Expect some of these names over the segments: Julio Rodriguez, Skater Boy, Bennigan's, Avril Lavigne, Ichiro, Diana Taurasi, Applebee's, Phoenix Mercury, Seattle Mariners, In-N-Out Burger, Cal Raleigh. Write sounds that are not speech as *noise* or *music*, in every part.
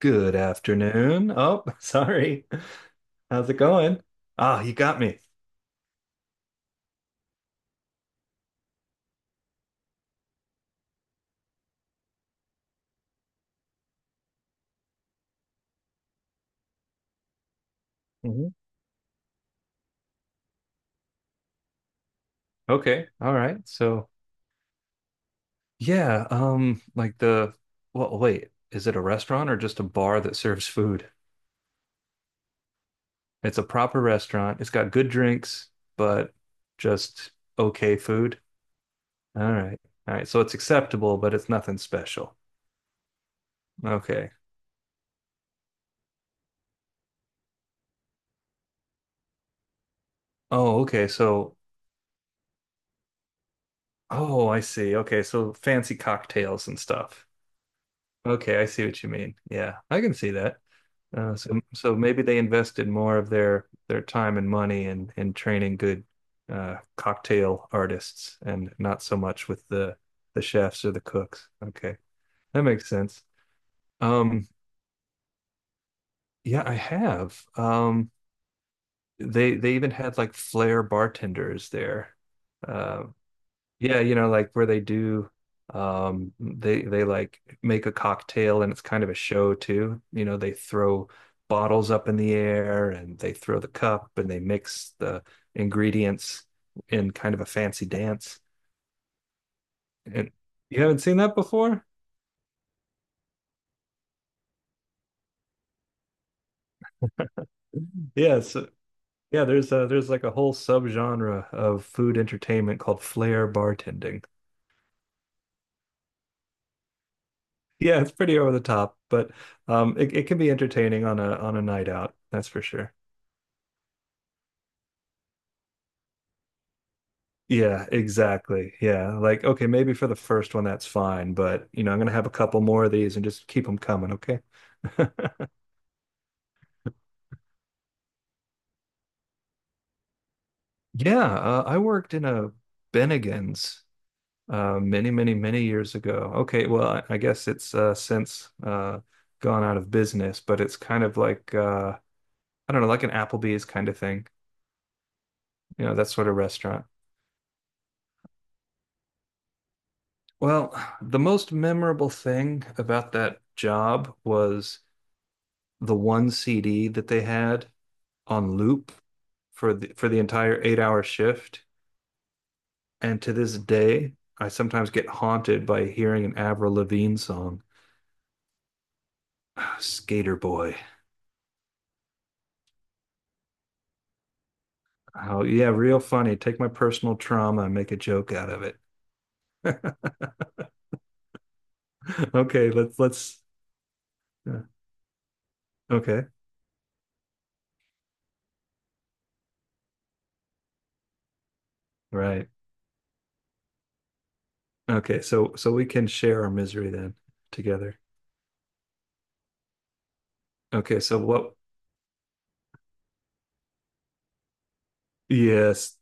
Good afternoon. Oh, *laughs* sorry. How's it going? Ah, you got me. Mhm. Okay. All right. So, yeah, like the... is it a restaurant or just a bar that serves food? It's a proper restaurant. It's got good drinks, but just okay food. All right. All right. So it's acceptable, but it's nothing special. Okay. Oh, okay. So, oh, I see. Okay. So fancy cocktails and stuff. Okay. I see what you mean. Yeah, I can see that. So maybe they invested more of their time and money in training good cocktail artists, and not so much with the chefs or the cooks. Okay, that makes sense. Um, yeah, I have. They even had like flair bartenders there, uh, yeah, you know, like where they do they like make a cocktail, and it's kind of a show too. You know, they throw bottles up in the air, and they throw the cup, and they mix the ingredients in kind of a fancy dance. And you haven't seen that before? Yeah, so yeah, there's like a whole subgenre of food entertainment called flair bartending. Yeah, it's pretty over the top, but it can be entertaining on a night out, that's for sure. Yeah, exactly. Yeah. Like, okay, maybe for the first one, that's fine. But, you know, I'm going to have a couple more of these and just keep them coming. Okay. *laughs* Yeah. I worked in a Bennigan's many, many, many years ago. Okay. Well, I guess it's since gone out of business, but it's kind of like, I don't know, like an Applebee's kind of thing, you know, that sort of restaurant. Well, the most memorable thing about that job was the one CD that they had on loop for the entire 8 hour shift. And to this day, I sometimes get haunted by hearing an Avril Lavigne song, Skater Boy. Oh, yeah, real funny. Take my personal trauma and make a joke out of it. *laughs* Okay, let's yeah, okay. Right. Okay, so so we can share our misery then together. Okay, so what yes,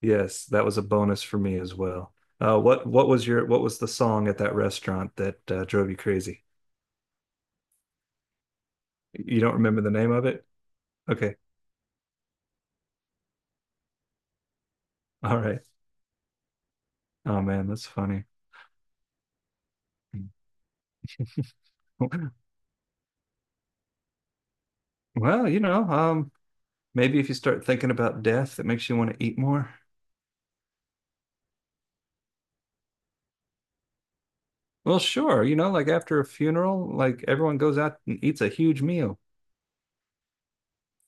yes, that was a bonus for me as well. What was your what was the song at that restaurant that drove you crazy? You don't remember the name of it? Okay. All right. Oh man, that's funny. *laughs* Well, you know, maybe if you start thinking about death, it makes you want to eat more. Well, sure. You know, like after a funeral, like everyone goes out and eats a huge meal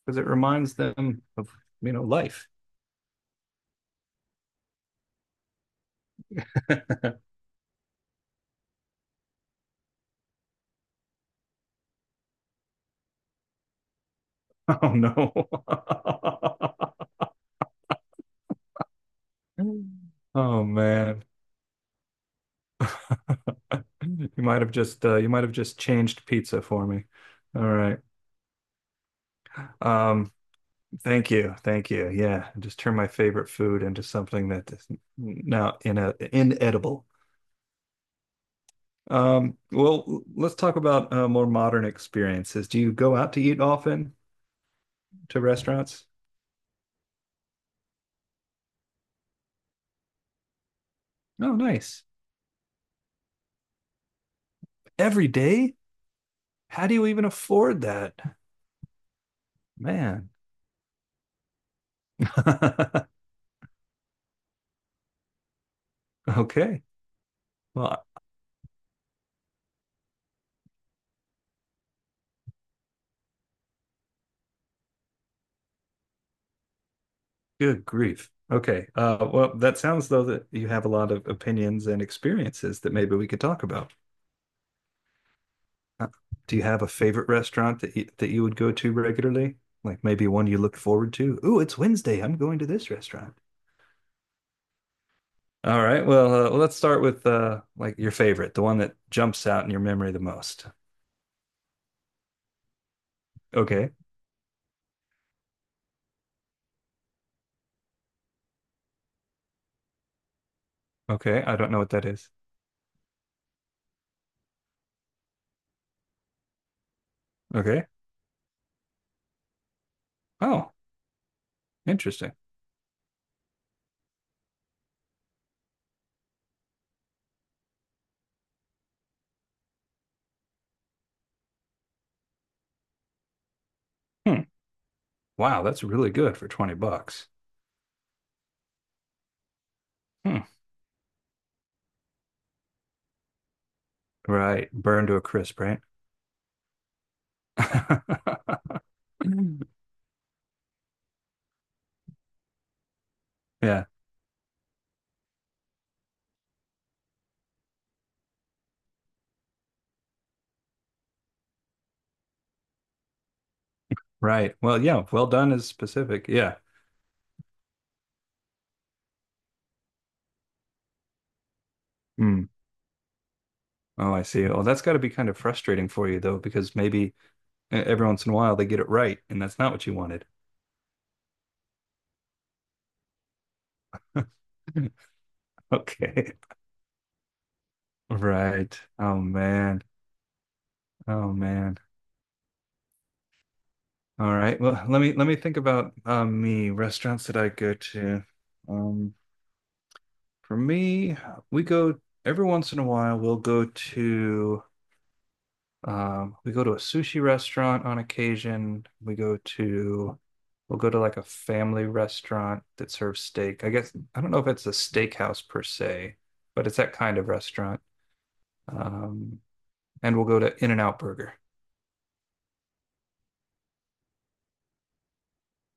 because it reminds them of, you know, life. *laughs* Oh no. *laughs* Oh man. You might have just you might have just changed pizza for me. All right. Um, thank you. Thank you. Yeah, just turn my favorite food into something that is now in a inedible. Well, let's talk about more modern experiences. Do you go out to eat often to restaurants? Oh, nice. Every day? How do you even afford that? Man. *laughs* Okay. Well, good grief. Okay. Well, that sounds though that you have a lot of opinions and experiences that maybe we could talk about. Uh, do you have a favorite restaurant that that you would go to regularly? Like maybe one you look forward to? Ooh, it's Wednesday. I'm going to this restaurant. All right. Well, well, let's start with like your favorite, the one that jumps out in your memory the most. Okay. Okay. I don't know what that is. Okay. Oh, interesting. Hmm. Wow, that's really good for 20 bucks. Hmm. Right. Burned to a crisp, right? *laughs* Mm. Yeah. Right. Well, yeah. Well done is specific. Yeah. Hmm. Oh, I see. Oh, that's got to be kind of frustrating for you though, because maybe every once in a while they get it right, and that's not what you wanted. *laughs* Okay. Right. Oh man. Oh man. All right. Well, let me think about me restaurants that I go to. Um, for me, we go every once in a while. We'll go to um, we go to a sushi restaurant on occasion. We'll go to like a family restaurant that serves steak. I guess, I don't know if it's a steakhouse per se, but it's that kind of restaurant. Um, and we'll go to In-N-Out Burger.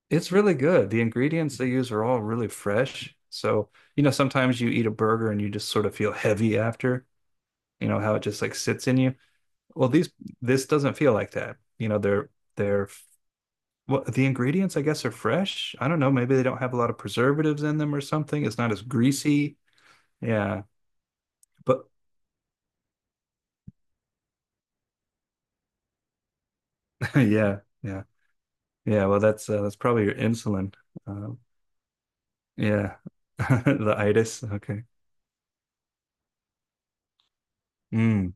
It's really good. The ingredients they use are all really fresh. So, you know, sometimes you eat a burger and you just sort of feel heavy after, you know, how it just like sits in you. Well, this doesn't feel like that. You know, they're... well, the ingredients, I guess, are fresh. I don't know. Maybe they don't have a lot of preservatives in them or something. It's not as greasy. Yeah, but *laughs* yeah, yeah. Well, that's probably your insulin. Um, yeah, *laughs* the itis. Okay. Mm,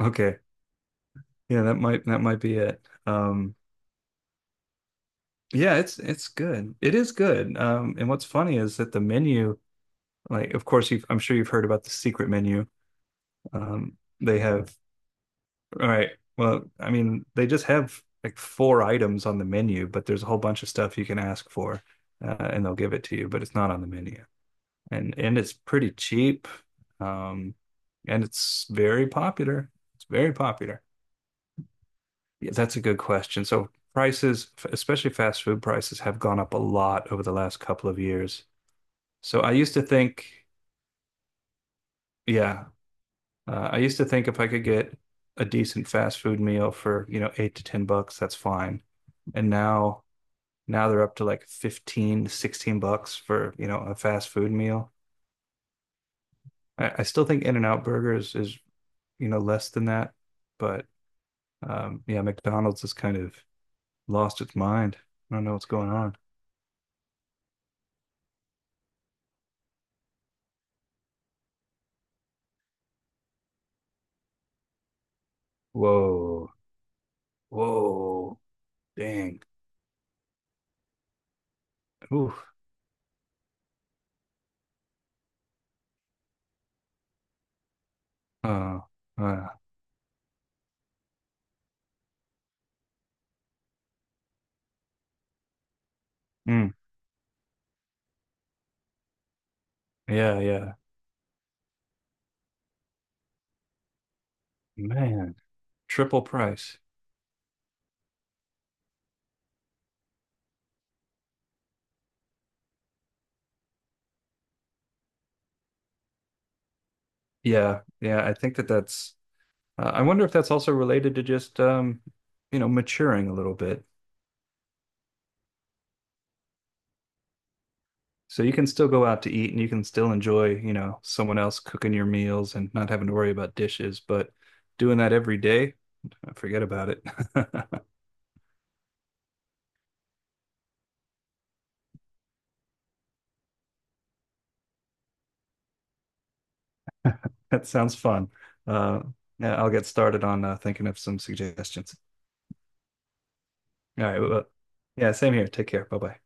okay. Yeah, that might be it. Um, yeah, it's good. It is good. And what's funny is that the menu, like, of course, you've, I'm sure you've heard about the secret menu. They have all right. Well, I mean, they just have like four items on the menu, but there's a whole bunch of stuff you can ask for, and they'll give it to you, but it's not on the menu. And it's pretty cheap, um, and it's very popular. It's very popular. Yeah, that's a good question. So prices, especially fast food prices, have gone up a lot over the last couple of years. So I used to think, yeah, I used to think if I could get a decent fast food meal for, you know, 8 to 10 bucks, that's fine. And now now they're up to like 15, 16 bucks for, you know, a fast food meal. I still think In-N-Out Burgers is, you know, less than that. But yeah, McDonald's has kind of lost its mind. I don't know what's going on. Whoa. Whoa. Dang. Ooh. Uh, uh, mm. Yeah, yeah. Man. Triple price. Yeah, yeah. I think that that's. I wonder if that's also related to just you know, maturing a little bit. So you can still go out to eat, and you can still enjoy, you know, someone else cooking your meals and not having to worry about dishes. But doing that every day, forget about it. *laughs* That sounds fun. Uh, yeah, I'll get started on thinking of some suggestions. All right. Well, yeah, same here. Take care. Bye bye.